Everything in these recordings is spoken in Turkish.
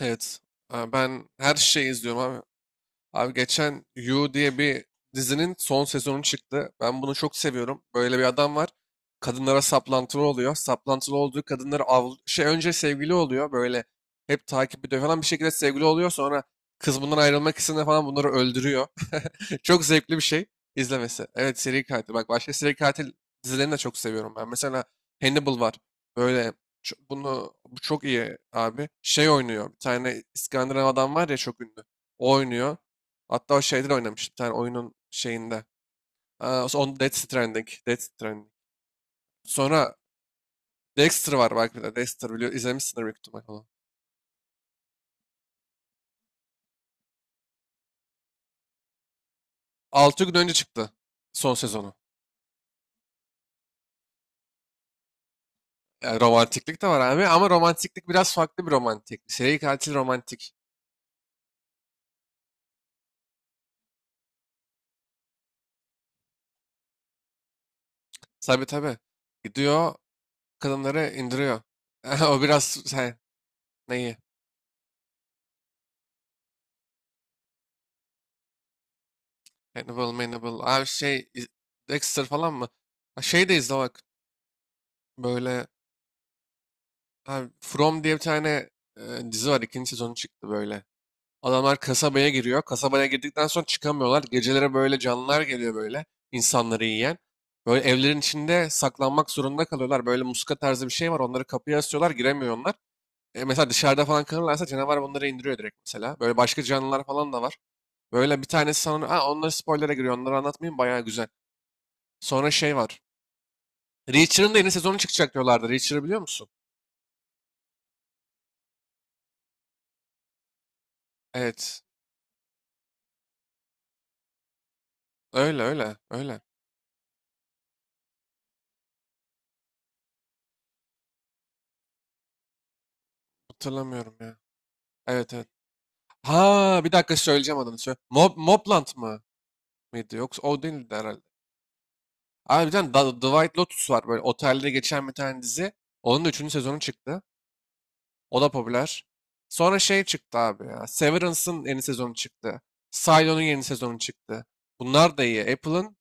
Evet. Aa, ben her şeyi izliyorum abi. Abi geçen You diye bir dizinin son sezonu çıktı. Ben bunu çok seviyorum. Böyle bir adam var. Kadınlara saplantılı oluyor. Saplantılı olduğu kadınları av şey önce sevgili oluyor. Böyle hep takip ediyor falan bir şekilde sevgili oluyor. Sonra kız bundan ayrılmak istediğinde falan bunları öldürüyor. Çok zevkli bir şey izlemesi. Evet, seri katil. Bak, başka seri katil dizilerini de çok seviyorum ben. Mesela Hannibal var. Böyle ço- bunu bu çok iyi abi. Şey oynuyor. Bir tane İskandinav adam var ya, çok ünlü. O oynuyor. Hatta o şeyde de oynamış. Bir tane oyunun şeyinde. Aa, on Death Stranding. Death Stranding. Sonra Dexter var belki de. Dexter biliyor. İzlemişsindir büyük ihtimal onu. 6 gün önce çıktı son sezonu. Yani romantiklik de var abi ama romantiklik biraz farklı bir romantik. Seri katil romantik. Tabii tabii. Gidiyor, kadınları indiriyor. O biraz şey, neyi? Hannibal, Hannibal. Abi şey Dexter falan mı? Ha, şey de izle bak. Böyle. Abi, From diye bir tane dizi var. İkinci sezonu çıktı böyle. Adamlar kasabaya giriyor. Kasabaya girdikten sonra çıkamıyorlar. Gecelere böyle canlılar geliyor böyle. İnsanları yiyen. Böyle evlerin içinde saklanmak zorunda kalıyorlar. Böyle muska tarzı bir şey var. Onları kapıya asıyorlar. Giremiyorlar. Mesela dışarıda falan kalırlarsa canavar bunları indiriyor direkt mesela. Böyle başka canlılar falan da var. Böyle bir tanesi sanırım. Ha, onları spoiler'a giriyor. Onları anlatmayayım. Bayağı güzel. Sonra şey var. Reacher'ın da yeni sezonu çıkacak diyorlardı. Reacher'ı biliyor musun? Evet. Öyle öyle öyle. Hatırlamıyorum ya. Evet, evet. Ha, bir dakika, söyleyeceğim adını. Söyle. Mobland mı mıydı? Yoksa o değildi herhalde. Abi bir tane The White Lotus var, böyle otelde geçen bir tane dizi. Onun da üçüncü sezonu çıktı. O da popüler. Sonra şey çıktı abi ya. Severance'ın yeni sezonu çıktı. Silo'nun yeni sezonu çıktı. Bunlar da iyi. Apple'ın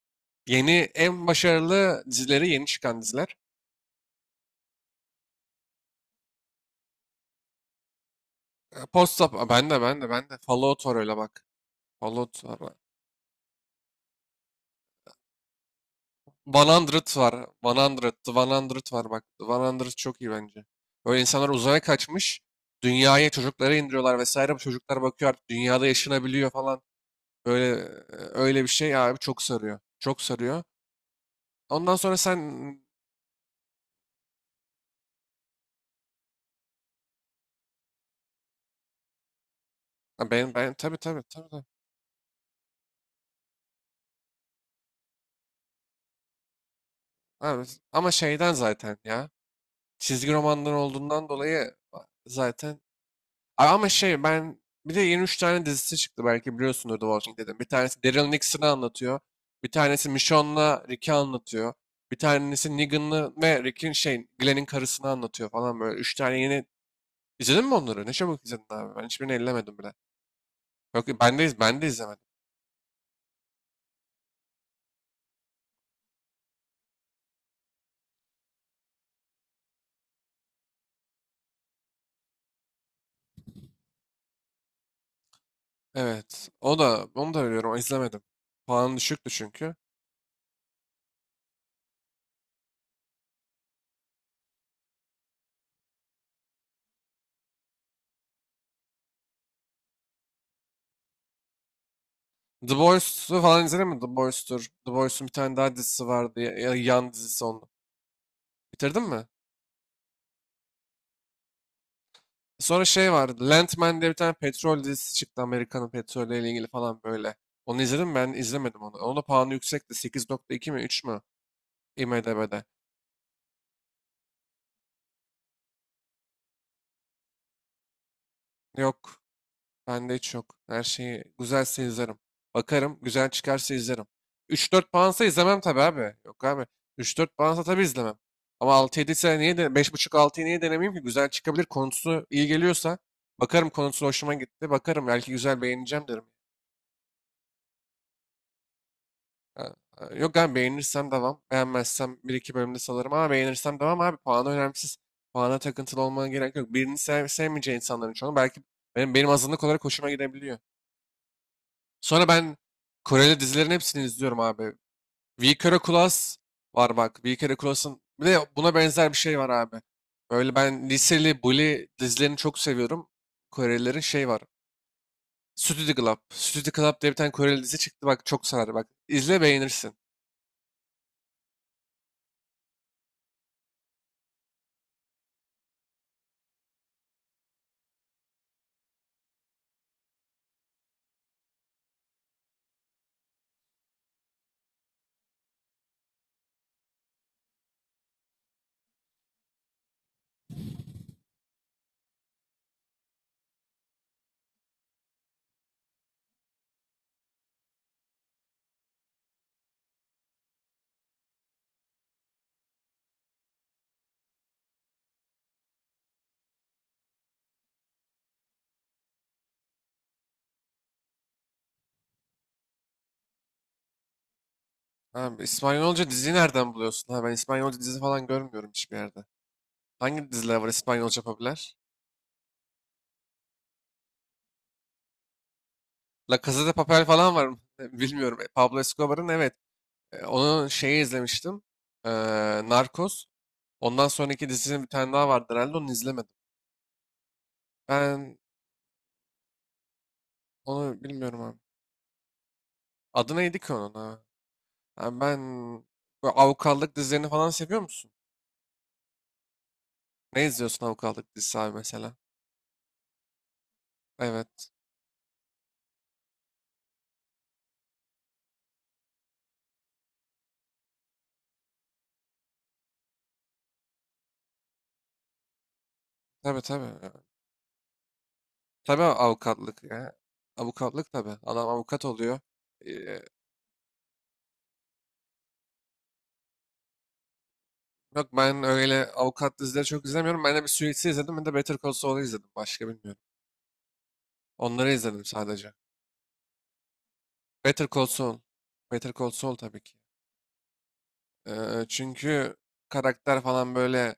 yeni, en başarılı dizileri, yeni çıkan diziler. Post-up. Aa, ben de ben de ben de. Fallout var, öyle bak. Fallout var. 100 var. 100, The var bak. The çok iyi bence. Böyle insanlar uzaya kaçmış. Dünyaya çocuklara indiriyorlar vesaire. Bu çocuklar bakıyor, artık dünyada yaşanabiliyor falan. Böyle öyle bir şey abi, çok sarıyor. Çok sarıyor. Ondan sonra sen. Ha, ben tabii tabii tabii. Tabii. Abi, ama şeyden zaten ya. Çizgi romandan olduğundan dolayı zaten. Ama şey, ben bir de yeni 3 tane dizisi çıktı belki biliyorsundur, The Walking Dead'in. Bir tanesi Daryl Nixon'ı anlatıyor. Bir tanesi Michonne'la Rick'i anlatıyor. Bir tanesi Negan'ı ve Rick'in şey Glenn'in karısını anlatıyor falan böyle. Üç tane yeni... İzledin mi onları? Ne çabuk izledin abi. Ben hiçbirini ellemedim bile. Yok ben de, ben de izlemedim. Evet. O da, onu da biliyorum. İzlemedim. Puanı düşüktü çünkü. The Boys'u falan izledin mi? The Boys'tur. The Boys'un bir tane daha dizisi vardı. Ya, Yan dizisi onu. Bitirdin mi? Sonra şey vardı. Landman diye bir tane petrol dizisi çıktı. Amerika'nın petrolüyle ilgili falan böyle. Onu izledim mi? Ben izlemedim onu. Onun da puanı yüksekti. 8,2 mi, 3 mü IMDb'de? Yok. Bende hiç yok. Her şeyi, güzelse izlerim. Bakarım. Güzel çıkarsa izlerim. Üç dört puansa izlemem tabii abi. Yok abi. Üç dört puansa tabii izlemem. Ama altı yedi ise niye de, beş buçuk 6'yı niye denemeyeyim ki? Güzel çıkabilir. Konusu iyi geliyorsa. Bakarım, konusu hoşuma gitti. Bakarım, belki güzel, beğeneceğim derim. Ha, yok abi, beğenirsem devam. Beğenmezsem bir iki bölümde salarım ama beğenirsem devam abi. Puanı önemsiz. Puana takıntılı olmana gerek yok. Birini sev sevmeyeceği insanların çoğunu belki benim azınlık olarak hoşuma gidebiliyor. Sonra ben Koreli dizilerin hepsini izliyorum abi. We Kere Kulas var bak. We Kere Kulas'ın bir de buna benzer bir şey var abi. Böyle ben liseli bully dizilerini çok seviyorum. Korelilerin şey var. Studio Club. Studio Club diye bir tane Koreli dizi çıktı. Bak çok sarar bak. İzle, beğenirsin. Ha, İspanyolca diziyi nereden buluyorsun? Ha, ben İspanyolca dizi falan görmüyorum hiçbir yerde. Hangi diziler var İspanyolca popüler? La Casa de Papel falan var mı? Bilmiyorum. Pablo Escobar'ın, evet. Onun şeyi izlemiştim. Ee, Narcos. Ondan sonraki dizisinin bir tane daha vardı herhalde. Onu izlemedim. Ben onu bilmiyorum abi. Adı neydi ki onun, ha? Ha, ben, bu avukatlık dizilerini falan seviyor musun? Ne izliyorsun avukatlık dizisi abi mesela? Evet. Tabii tabii. Tabii avukatlık ya. Avukatlık tabii. Adam avukat oluyor. Ee, Yok, ben öyle avukat dizileri çok izlemiyorum. Ben de bir Suits'i izledim. Ben de Better Call Saul'u izledim. Başka bilmiyorum. Onları izledim sadece. Better Call Saul. Better Call Saul tabii ki. Çünkü karakter falan böyle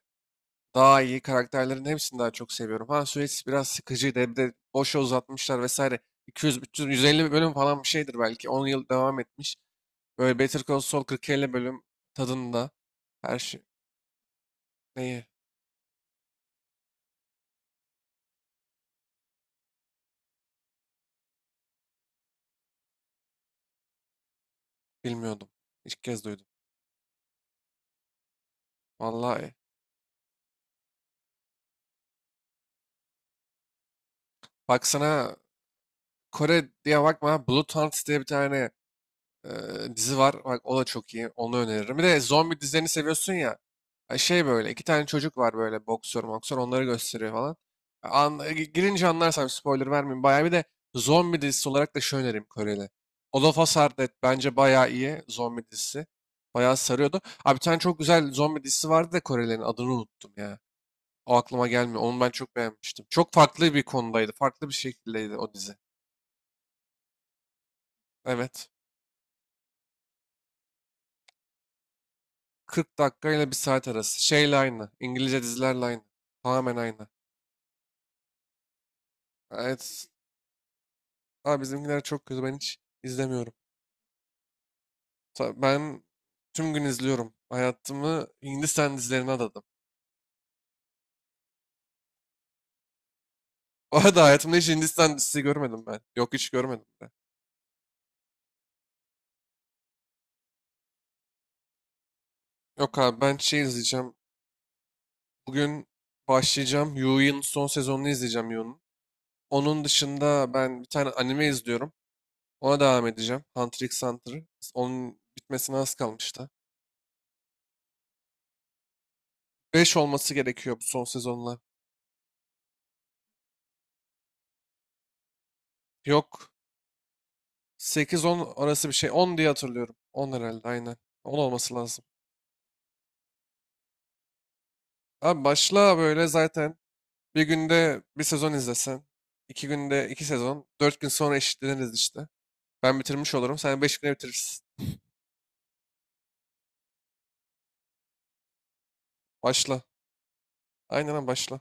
daha iyi. Karakterlerin hepsini daha çok seviyorum. Ha, Suits biraz sıkıcıydı. Bir de boşa uzatmışlar vesaire. 200, 300, 150 bölüm falan bir şeydir belki. 10 yıl devam etmiş. Böyle Better Call Saul 40-50 bölüm tadında. Her şey. Neyi? Bilmiyordum. İlk kez duydum. Vallahi. Baksana, Kore diye bakma. Blood Hunt diye bir tane e, dizi var. Bak, o da çok iyi. Onu öneririm. Bir de zombi dizilerini seviyorsun ya. Şey, böyle iki tane çocuk var, böyle boksör boksör onları gösteriyor falan. Girince anlarsam spoiler vermeyeyim. Bayağı, bir de zombi dizisi olarak da şu önerim Koreli. All of Us Are Dead bence bayağı iyi zombi dizisi. Bayağı sarıyordu. Abi bir tane çok güzel zombi dizisi vardı da Korelilerin adını unuttum ya. O aklıma gelmiyor. Onu ben çok beğenmiştim. Çok farklı bir konudaydı. Farklı bir şekildeydi o dizi. Evet. 40 dakika ile bir saat arası. Şeyle aynı. İngilizce dizilerle aynı. Tamamen aynı. Evet. Abi bizimkiler çok kötü. Ben hiç izlemiyorum. Ben tüm gün izliyorum. Hayatımı Hindistan dizilerine adadım. O arada hayatımda hiç Hindistan dizisi görmedim ben. Yok, hiç görmedim ben. Yok abi, ben şey izleyeceğim. Bugün başlayacağım. Yu'nun son sezonunu izleyeceğim, Yu'nun. Onun dışında ben bir tane anime izliyorum. Ona devam edeceğim. Hunter x Hunter. Onun bitmesine az kalmıştı. 5 olması gerekiyor bu son sezonla. Yok. 8-10 arası bir şey. 10 diye hatırlıyorum. 10 herhalde, aynen. 10 olması lazım. Abi başla, böyle zaten bir günde bir sezon izlesen. 2 günde 2 sezon. 4 gün sonra eşitleniriz işte. Ben bitirmiş olurum. Sen 5 güne bitirirsin. Başla. Aynen abi, başla.